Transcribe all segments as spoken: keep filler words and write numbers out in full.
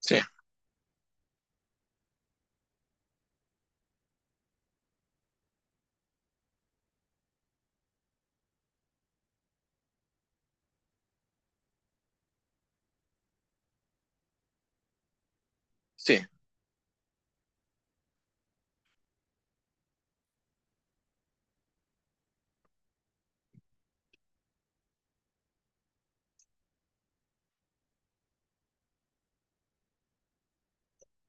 Sì, sì.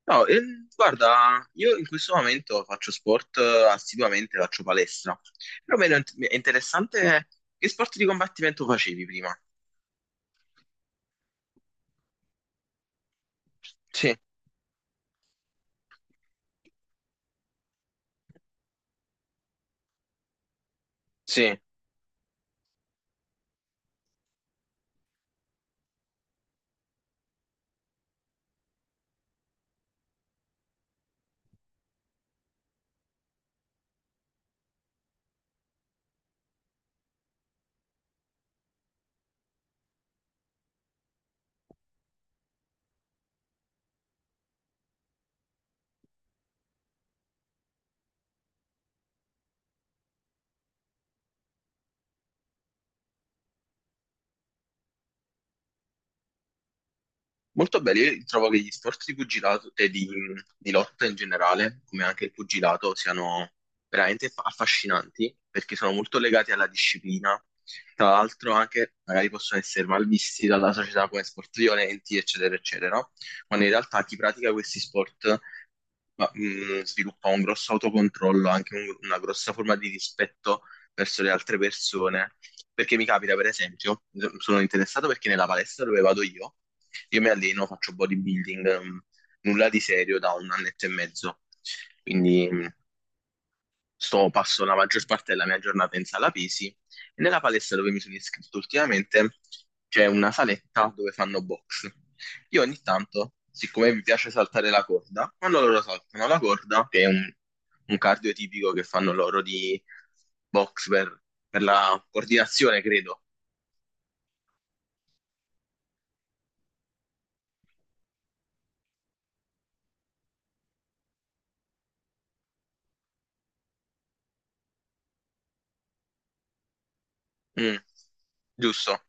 No, ehm, guarda, io in questo momento faccio sport eh, assiduamente, faccio palestra. Però mi era int- mi è interessante che sport di combattimento facevi prima. Sì, sì, molto belli. Io trovo che gli sport di pugilato e di, di lotta in generale, come anche il pugilato, siano veramente fa- affascinanti perché sono molto legati alla disciplina. Tra l'altro anche magari possono essere malvisti dalla società come sport violenti, eccetera, eccetera, no? Quando in realtà chi pratica questi sport ma, mh, sviluppa un grosso autocontrollo, anche un- una grossa forma di rispetto verso le altre persone. Perché mi capita, per esempio, so, sono interessato perché nella palestra dove vado io, io mi alleno, faccio bodybuilding, mh, nulla di serio da un annetto e mezzo. Quindi mh, sto passo la maggior parte della mia giornata in sala pesi e nella palestra dove mi sono iscritto ultimamente c'è una saletta dove fanno box. Io ogni tanto, siccome mi piace saltare la corda, quando loro saltano la corda, che è un, un cardio tipico che fanno loro di box per, per la coordinazione, credo. Mm, giusto,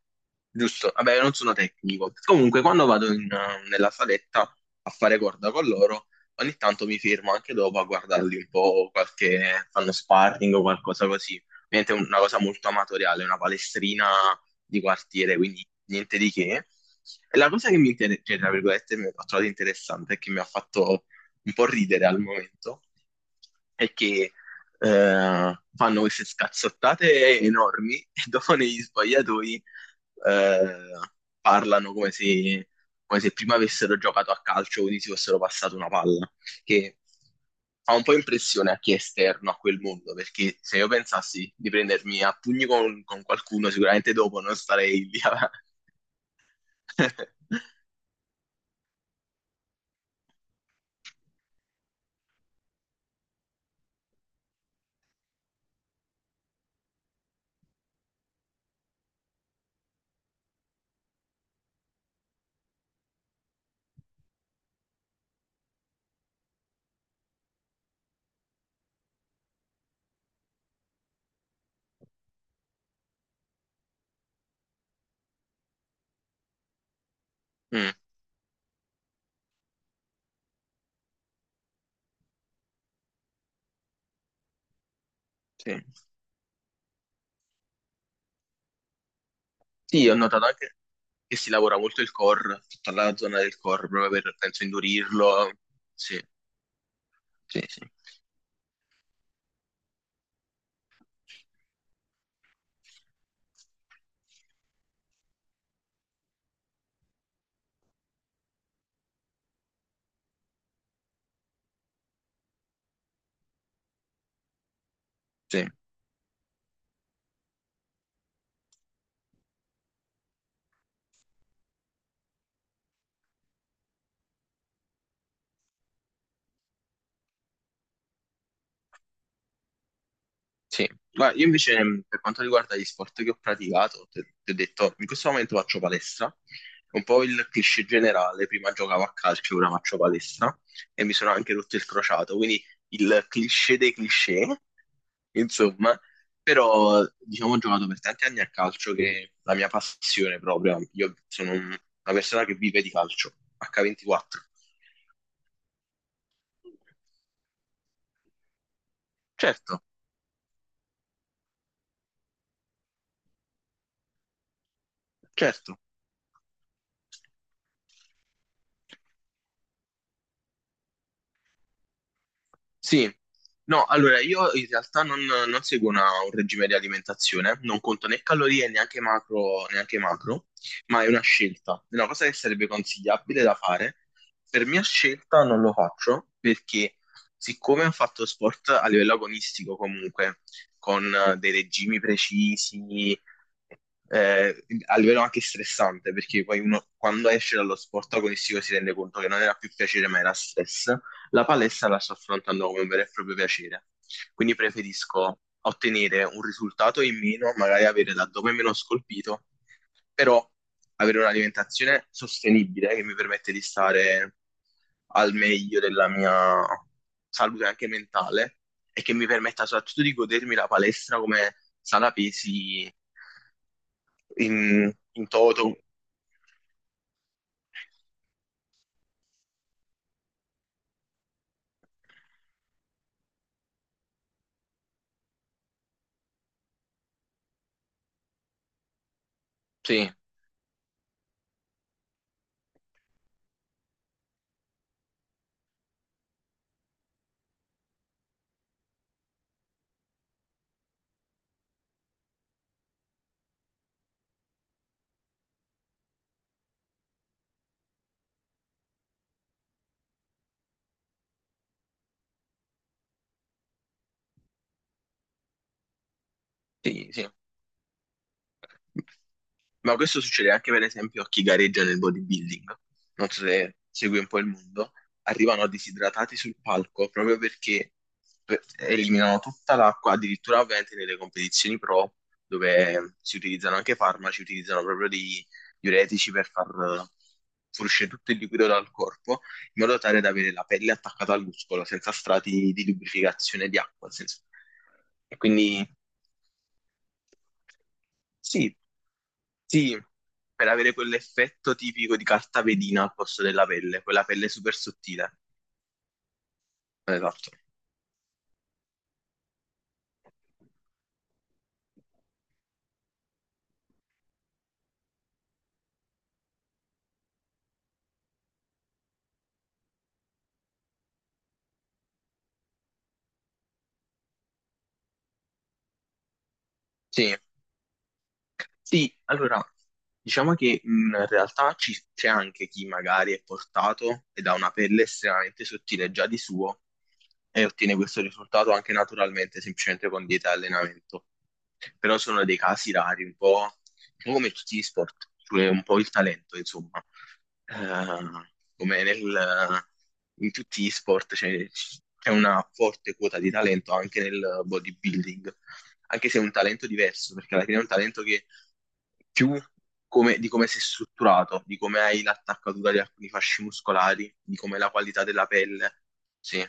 giusto. Vabbè, non sono tecnico. Comunque, quando vado in, eh, nella saletta a fare corda con loro, ogni tanto mi fermo anche dopo a guardarli un po', qualche, fanno sparring o qualcosa così. Ovviamente è una cosa molto amatoriale, una palestrina di quartiere, quindi niente di che. E la cosa che mi inter- cioè, tra virgolette, mi ho trovato interessante e che mi ha fatto un po' ridere al momento, è che eh, fanno queste scazzottate enormi e dopo negli sbagliatoi eh, parlano come se, come se prima avessero giocato a calcio, quindi si fossero passato una palla, che fa un po' impressione a chi è esterno a quel mondo, perché se io pensassi di prendermi a pugni con, con qualcuno, sicuramente dopo non starei lì. A- Mm, sì. Sì, ho notato anche che si lavora molto il core, tutta la zona del core, proprio per, penso, indurirlo. Sì, sì, sì. Sì, sì. Guarda, io invece mh, per quanto riguarda gli sport che ho praticato, ti ti ho detto, in questo momento faccio palestra, un po' il cliché generale, prima giocavo a calcio, ora faccio palestra e mi sono anche rotto il crociato, quindi il cliché dei cliché, insomma, però diciamo ho giocato per tanti anni a calcio che è la mia passione proprio, io sono un- una persona che vive di calcio, acca ventiquattro. Certo, certo. Sì, no, allora io in realtà non, non seguo una- un regime di alimentazione, non conto né calorie, neanche macro, neanche macro, ma è una scelta, è una cosa che sarebbe consigliabile da fare. Per mia scelta non lo faccio perché siccome ho fatto sport a livello agonistico comunque, con eh, dei regimi precisi, eh, a livello anche stressante, perché poi uno quando esce dallo sport agonistico si rende conto che non era più piacere ma era stress, la palestra la sto affrontando come un vero e proprio piacere, quindi preferisco ottenere un risultato in meno, magari avere l'addome meno scolpito, però avere un'alimentazione sostenibile che mi permette di stare al meglio della mia salute anche mentale e che mi permetta soprattutto di godermi la palestra come sala pesi in, in toto. Sì, sì, sì. Ma questo succede anche per esempio a chi gareggia nel bodybuilding. Non so se segui un po' il mondo. Arrivano disidratati sul palco proprio perché per- eliminano tutta l'acqua, addirittura ovviamente nelle competizioni pro, dove si utilizzano anche farmaci, utilizzano proprio dei diuretici per far eh, fuoriuscire tutto il liquido dal corpo in modo tale da avere la pelle attaccata al muscolo senza strati di lubrificazione di acqua. Nel senso- E quindi sì, sì, per avere quell'effetto tipico di carta vedina al posto della pelle, quella pelle super sottile. Esatto. Sì. Sì, allora, diciamo che mh, in realtà ci- c'è anche chi magari è portato ed ha una pelle estremamente sottile già di suo e ottiene questo risultato anche naturalmente, semplicemente con dieta e allenamento. Però sono dei casi rari, un po', un po' come tutti gli sport, cioè un po' il talento, insomma. Eh, come nel- in tutti gli sport c'è c'è una forte quota di talento anche nel bodybuilding anche se è un talento diverso, perché alla fine è un talento che più come- di come sei strutturato, di come hai l'attaccatura di alcuni fasci muscolari, di come è la qualità della pelle, sì,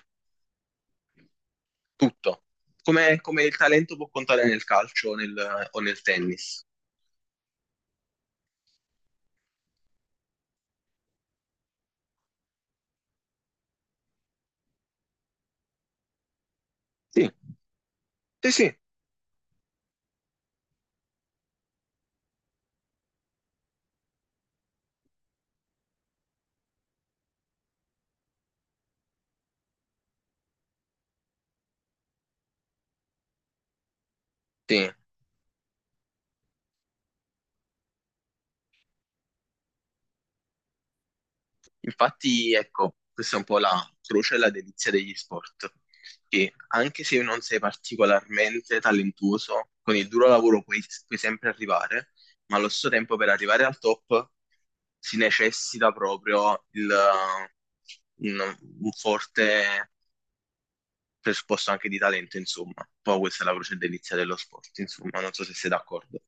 tutto. Come, come il talento può contare nel calcio o nel, o nel tennis. Sì, sì, sì, sì. Infatti, ecco, questa è un po' la croce e la delizia degli sport, che anche se non sei particolarmente talentuoso, con il duro lavoro puoi, puoi sempre arrivare, ma allo stesso tempo per arrivare al top si necessita proprio il, un, un forte presupposto anche di talento, insomma. Poi questa è la croce e delizia dello sport, insomma, non so se sei d'accordo.